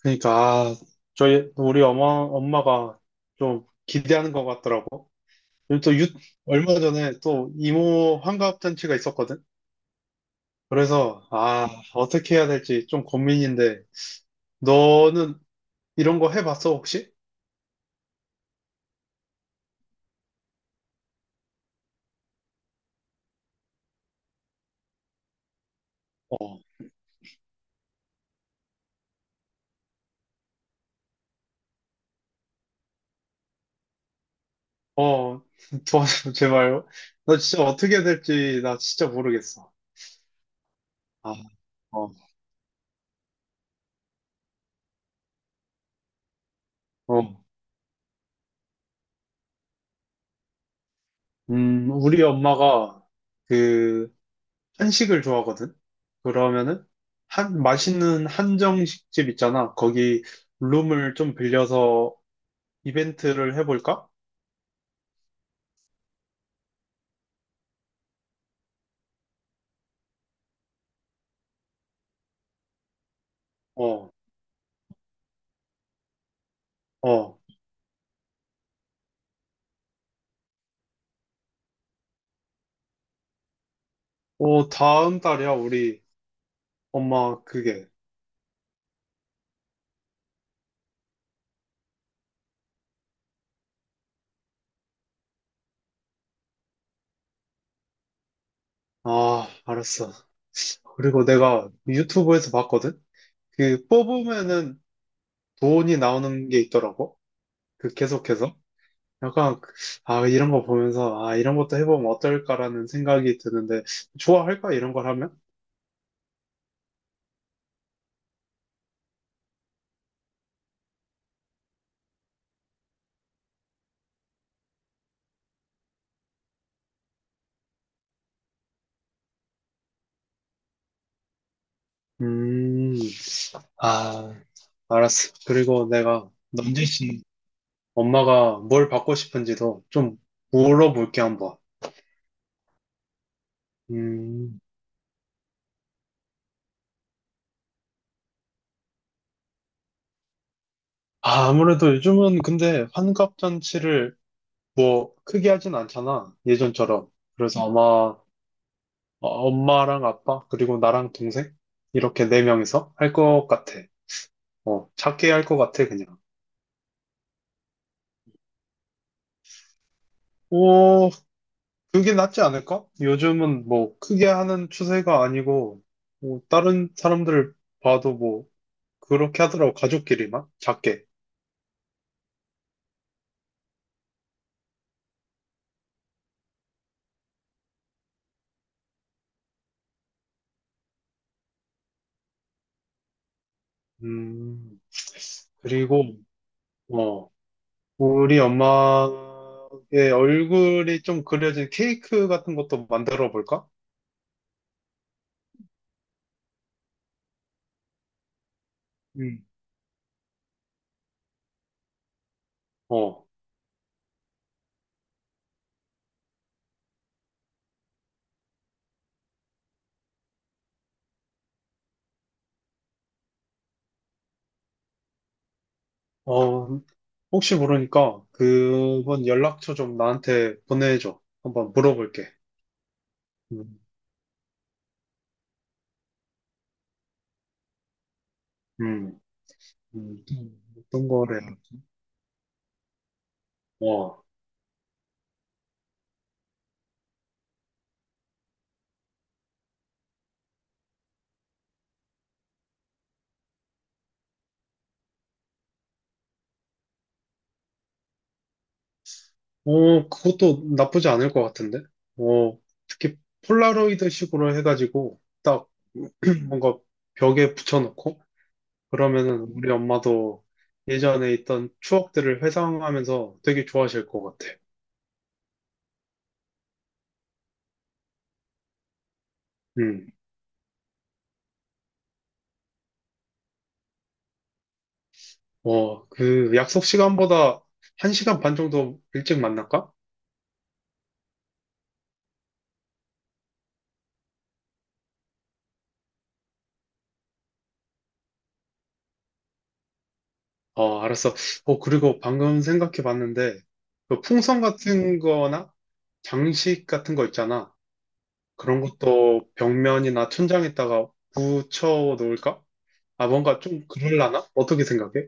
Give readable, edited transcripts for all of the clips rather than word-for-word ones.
그러니까 아, 저희 우리 엄마가 좀 기대하는 것 같더라고. 그리고 또 얼마 전에 또 이모 환갑 잔치가 있었거든. 그래서 어떻게 해야 될지 좀 고민인데, 너는 이런 거 해봤어 혹시? 어, 어 도와줘 제발. 나 진짜 어떻게 해야 될지, 나 진짜 모르겠어. 아, 어, 어, 우리 엄마가 그 한식을 좋아하거든? 그러면은, 맛있는 한정식집 있잖아. 거기 룸을 좀 빌려서 이벤트를 해볼까? 어, 어. 어, 다음 달이야, 우리 엄마 그게. 아, 알았어. 그리고 내가 유튜브에서 봤거든? 그 뽑으면은 돈이 나오는 게 있더라고. 그 계속해서. 약간, 이런 거 보면서, 이런 것도 해보면 어떨까라는 생각이 드는데, 좋아할까 이런 걸 하면? 음, 아. 알았어. 그리고 내가 남진 씨 엄마가 뭘 받고 싶은지도 좀 물어볼게 한번. 음, 아, 아무래도 요즘은 근데 환갑 잔치를 뭐 크게 하진 않잖아. 예전처럼. 그래서 아마 엄마랑 아빠 그리고 나랑 동생 이렇게 네 명이서 할 것 같아. 어, 작게 할 것 같아 그냥. 오, 그게 낫지 않을까? 요즘은 뭐 크게 하는 추세가 아니고 뭐 다른 사람들 봐도 뭐 그렇게 하더라고, 가족끼리만. 작게. 음, 그리고, 어, 우리 엄마의 얼굴이 좀 그려진 케이크 같은 것도 만들어 볼까? 음. 어, 어, 혹시 모르니까 그분 연락처 좀 나한테 보내줘. 한번 물어볼게. 음, 음, 음, 어떤 거래. 아, 어. 어, 그것도 나쁘지 않을 것 같은데? 어, 특히 폴라로이드식으로 해가지고 딱 뭔가 벽에 붙여놓고, 그러면은 우리 엄마도 예전에 있던 추억들을 회상하면서 되게 좋아하실 것 같아. 음, 어, 그 약속 시간보다 한 시간 반 정도 일찍 만날까? 어, 알았어. 어, 그리고 방금 생각해 봤는데, 그 풍선 같은 거나 장식 같은 거 있잖아. 그런 것도 벽면이나 천장에다가 붙여 놓을까? 아, 뭔가 좀 그럴라나? 어떻게 생각해?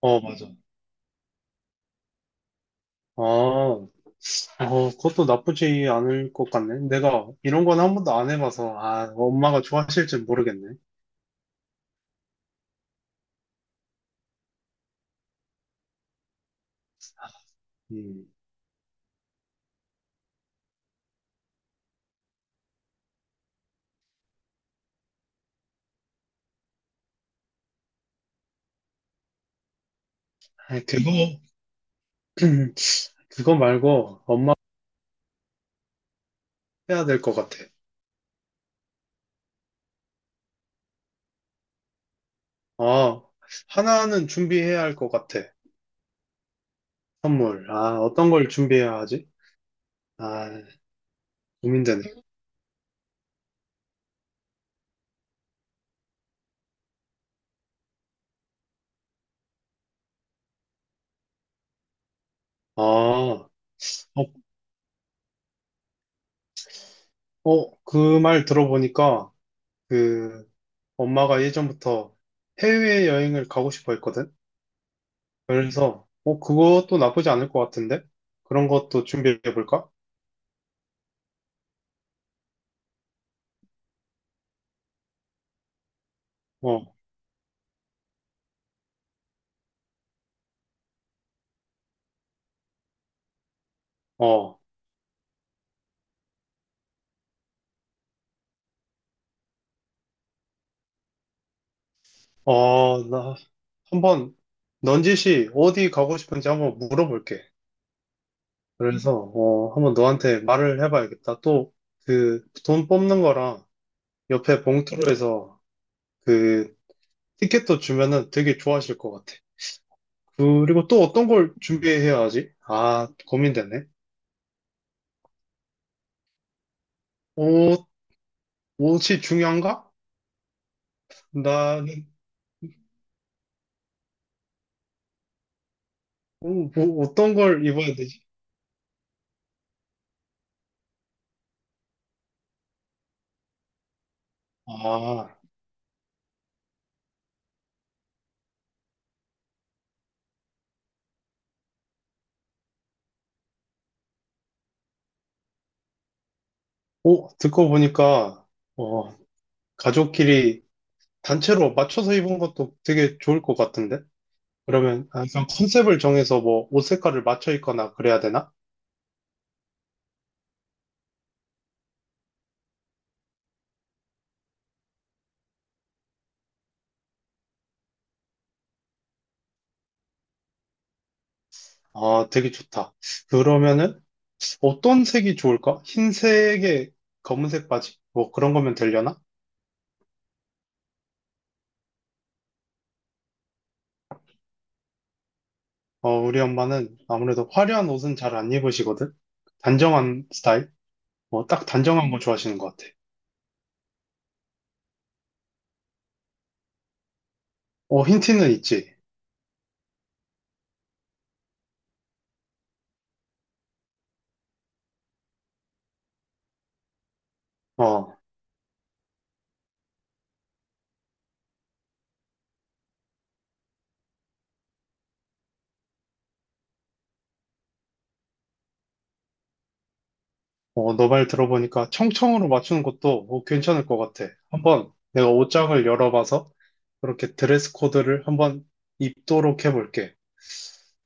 어, 맞아. 아, 그것도 나쁘지 않을 것 같네. 내가 이런 건 한 번도 안 해봐서, 아, 엄마가 좋아하실지 모르겠네. 음, 아 그거, 그거 말고 엄마 해야 될 것 같아. 아, 하나는 준비해야 할 것 같아. 선물. 아, 어떤 걸 준비해야 하지? 아, 고민되네. 아, 어, 어, 그 말 들어보니까 그 엄마가 예전부터 해외여행을 가고 싶어 했거든. 그래서 그것도 나쁘지 않을 것 같은데, 그런 것도 준비해 볼까? 어, 어, 어, 나 한번 넌지시 어디 가고 싶은지 한번 물어볼게. 그래서 한번 너한테 말을 해봐야겠다. 또 그 돈 뽑는 거랑 옆에 봉투로 해서 그 티켓도 주면은 되게 좋아하실 것 같아. 그리고 또 어떤 걸 준비해야 하지? 아, 고민되네. 어, 옷이 중요한가? 나는 어, 뭐 어떤 걸 입어야 되지? 아, 오 듣고 보니까 어, 가족끼리 단체로 맞춰서 입은 것도 되게 좋을 것 같은데? 그러면 항상 컨셉을 정해서 뭐 옷 색깔을 맞춰 입거나 그래야 되나? 아, 되게 좋다. 그러면은 어떤 색이 좋을까? 흰색에 검은색 바지? 뭐 그런 거면 되려나? 어, 우리 엄마는 아무래도 화려한 옷은 잘 안 입으시거든? 단정한 스타일? 어, 딱 단정한 거 좋아하시는 것 같아. 어, 힌트는 있지. 어, 어, 너 말 들어보니까 청청으로 맞추는 것도 괜찮을 것 같아. 한번 내가 옷장을 열어봐서 그렇게 드레스 코드를 한번 입도록 해볼게.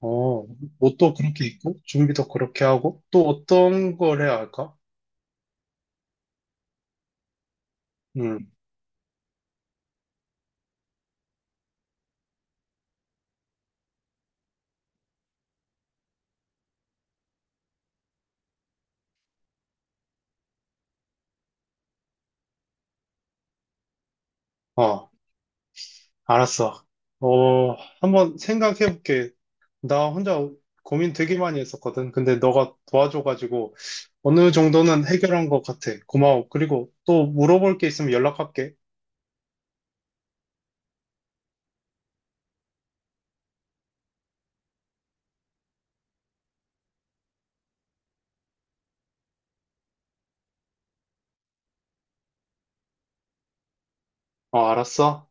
어, 옷도 그렇게 입고, 준비도 그렇게 하고, 또 어떤 걸 해야 할까? 음, 어, 알았어. 어, 한번 생각해볼게. 나 혼자 고민 되게 많이 했었거든. 근데 너가 도와줘가지고 어느 정도는 해결한 것 같아. 고마워. 그리고 또 물어볼 게 있으면 연락할게. 어, 알았어.